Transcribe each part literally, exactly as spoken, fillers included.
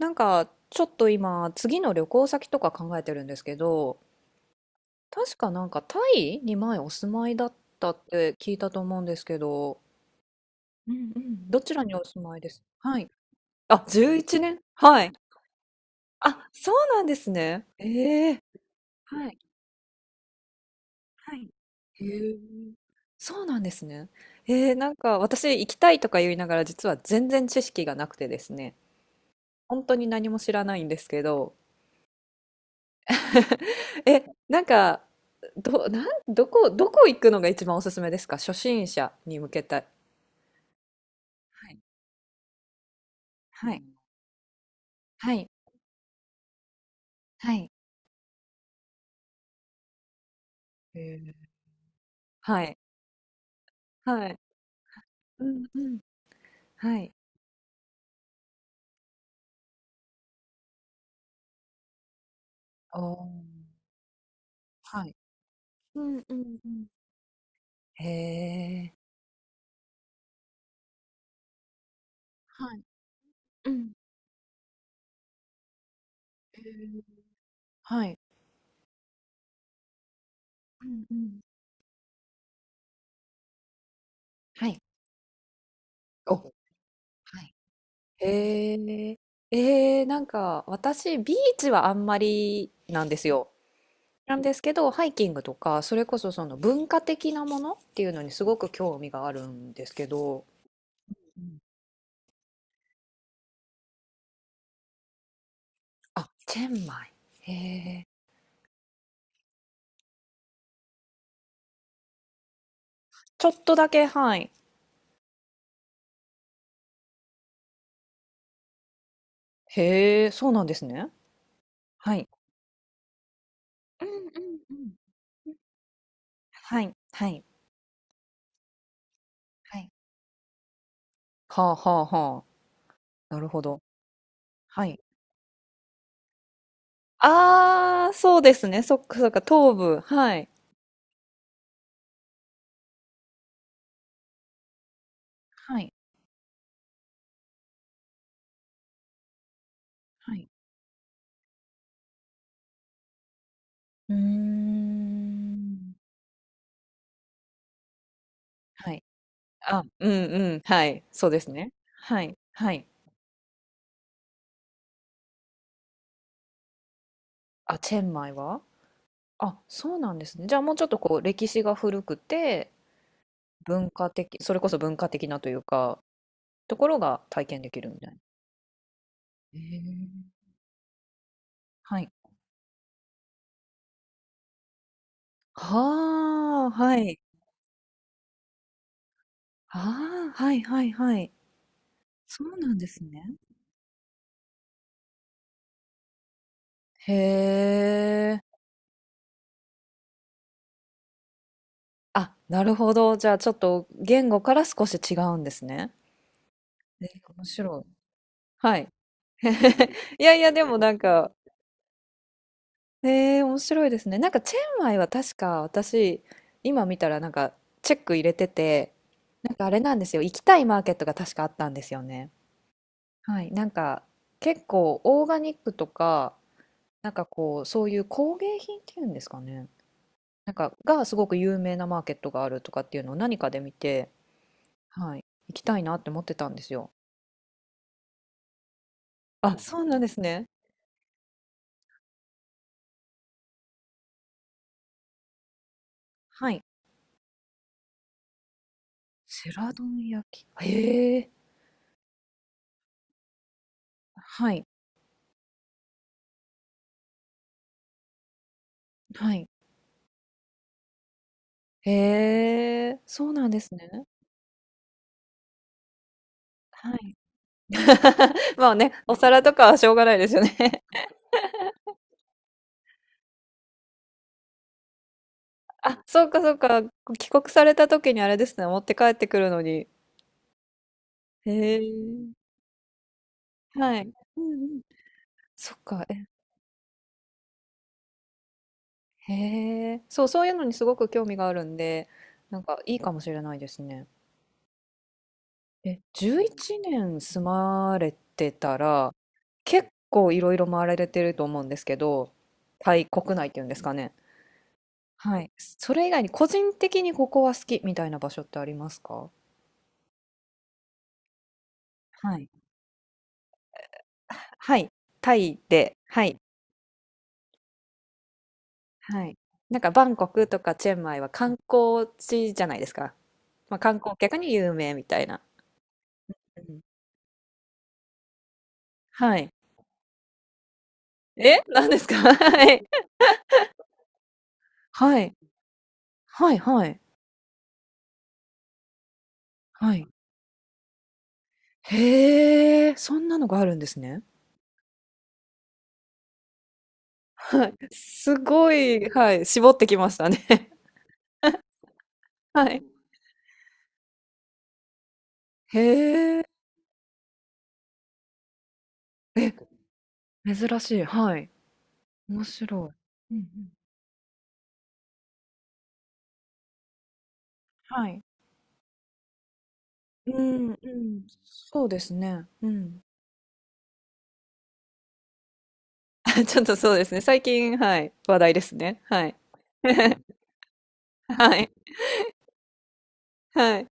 なんか、ちょっと今、次の旅行先とか考えてるんですけど、確かなんかタイに前お住まいだったって聞いたと思うんですけど、うんうん、どちらにお住まいですはい。あ、じゅういちねんはい。あ、そうなんですね。ええはい。はい。へえ。そうなんですね。えー、なんか私行きたいとか言いながら実は全然知識がなくてですね、本当に何も知らないんですけど、え、なんか、ど、なん、どこ、どこ行くのが一番おすすめですか初心者に向けた。はい。はい。はい。はい。えーはい。はい。うんうん。はい。おー。はい。うんうんうん。へえ。はい。うん。えーはい。うんうん。はい。お、はい。へえ。えー、なんか私ビーチはあんまりなんですよ。なんですけど、ハイキングとか、それこそその文化的なものっていうのにすごく興味があるんですけど、うん。あ、チェンマイ。へえ。ちょっとだけ、はい。へえ、そうなんですね。はい。うんうんうん。はい、はい、はい。はあはあはあ。なるほど。はい。ああ、そうですね。そっかそっか、東部。はい。はい、はい。うーん。はい。あ、うんうん。はい。そうですね。はい、はい。あ、チェンマイはあ、そうなんですね。じゃあもうちょっとこう歴史が古くて文化的、それこそ文化的なというか、ところが体験できるみたいな。へえはい。はあ、はい。ああ、はいはいはい。そうなんですね。へえ。あ、なるほど。じゃあちょっと言語から少し違うんですね。え面白い。はい。いやいや、でもなんか、へえ、面白いですね。なんかチェンマイは確か私、今見たらなんかチェック入れてて、なんかあれなんですよ。行きたいマーケットが確かあったんですよね。はい。なんか結構オーガニックとか、なんかこう、そういう工芸品っていうんですかね。なんかがすごく有名なマーケットがあるとかっていうのを何かで見て、はい。行きたいなって思ってたんですよ。あ、そうなんですね。はい。セラドン焼き。へえ。はい。はい。へえ。そうなんですね。はい。まあね、お皿とかはしょうがないですよね。あ、そうかそうか。帰国された時にあれですね、持って帰ってくるのに。へえ。はい。うんうん。そっか、え、へえ。そう、そういうのにすごく興味があるんで、なんかいいかもしれないですね。え、じゅういちねん住まれてたら、結構いろいろ回られてると思うんですけど、タイ国内っていうんですかね。はい。それ以外に個人的にここは好きみたいな場所ってありますか？はい。はい、タイで、はい、はい。なんかバンコクとかチェンマイは観光地じゃないですか。まあ、観光客に有名みたいな。うん。はい。え、何ですか？はい。はい。はいはい。はい。へえ、そんなのがあるんですね。はい。すごい、はい、絞ってきましたね。はい。へえ。え、珍しい。はい。面白い。うんうん。はい。うん、うん。そうですね。うん。ちょっとそうですね。最近、はい。話題ですね。はい。はい。はい。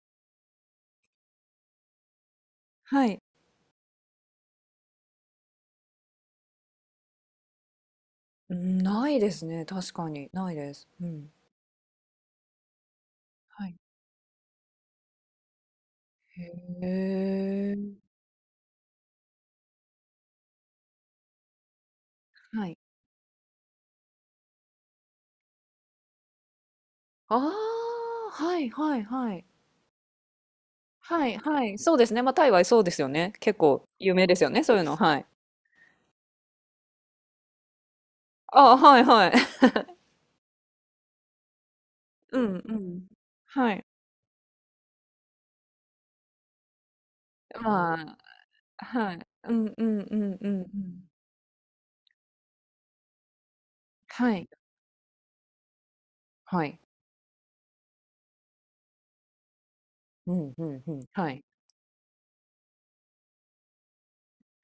はい。うん、ないですね。確かに。ないです。うん。はい。へえ。はい。ああ、はいはいはい。はいはい。そうですね。まあ、タイはそうですよね。結構有名ですよね。そういうの。はい。ああ、はいはい。うんうん。はい。まあ、はい。うんうんうんうんうん。はい。はい。うんうんうん。はい。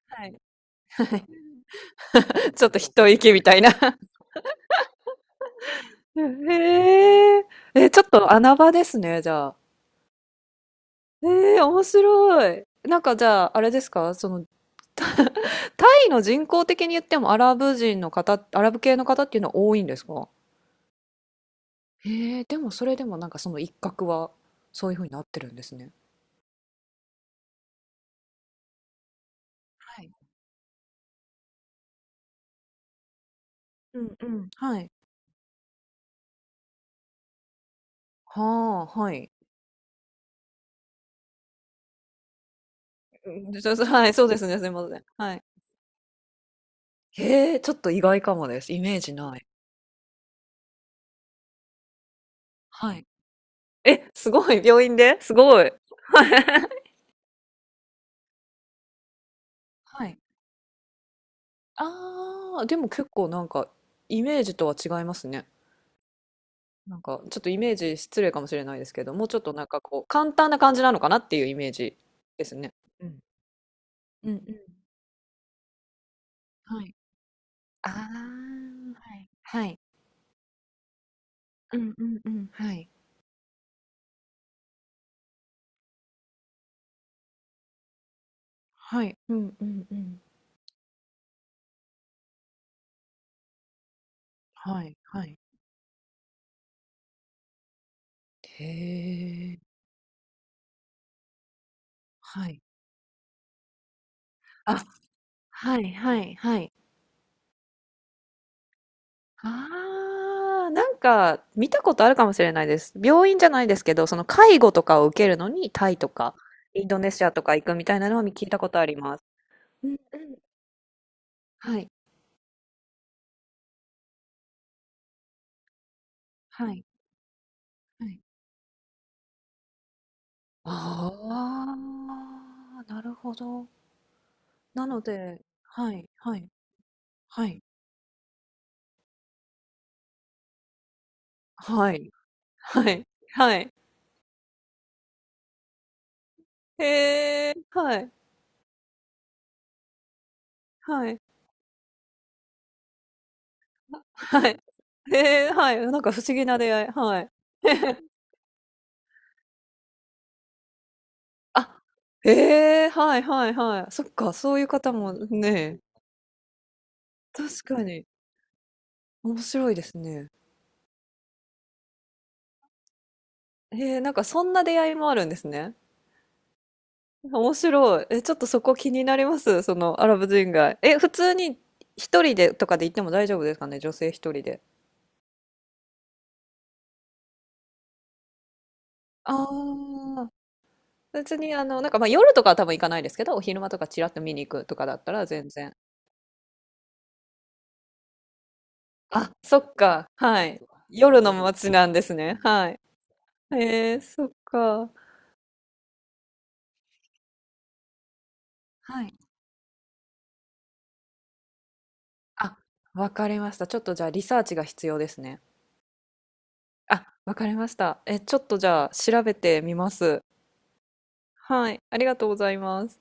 はい。ちょっと一息みたいな。へえ。え、ちょっと穴場ですね、じゃあ。ええ、面白い。なんかじゃあ、あれですか、その、タイの人口的に言ってもアラブ人の方、アラブ系の方っていうのは多いんですかへえ、でもそれでもなんかその一角は、そういうふうになってるんですね。はい。うんうん。はい。はあ、はい。うんじゃあはい、そうですね、すいません。はい。へえ、ちょっと意外かもです。イメージない。はい。え、すごい、病院ですごい。はい。ああ、でも結構なんかイメージとは違いますね。なんかちょっとイメージ失礼かもしれないですけど、もうちょっとなんかこう簡単な感じなのかなっていうイメージですね。うん。うんうん。はい。ああ、はい。はい。うんうんうん。はい。はい。うんうんうん。はいはい。へえ。はい。あ、はいはいはい。ああ、なんか見たことあるかもしれないです。病院じゃないですけど、その介護とかを受けるのにタイとかインドネシアとか行くみたいなのは聞いたことあります。うんうん。はい。はい。はい。ああ、なるほど。なので、はい。はい。はい。はい。はい。はい。へえ、はい。はい。はい。へえ、はい。なんか不思議な出会い。はい。あ、ええ、はいはいはい。そっか、そういう方もね、確かに面白いですね。へえ、なんかそんな出会いもあるんですね。面白い。え、ちょっとそこ気になります、そのアラブ人街。え、普通に一人でとかで行っても大丈夫ですかね、女性一人で。ああ、別にあの、なんかまあ夜とかは多分行かないですけど、お昼間とかチラッと見に行くとかだったら全然。あ、そっか、はい。夜の街なんですね。はい。へえ、そっか。はい。あ、わかりました。ちょっとじゃあリサーチが必要ですね。あ、わかりました。え、ちょっとじゃあ調べてみます。はい、ありがとうございます。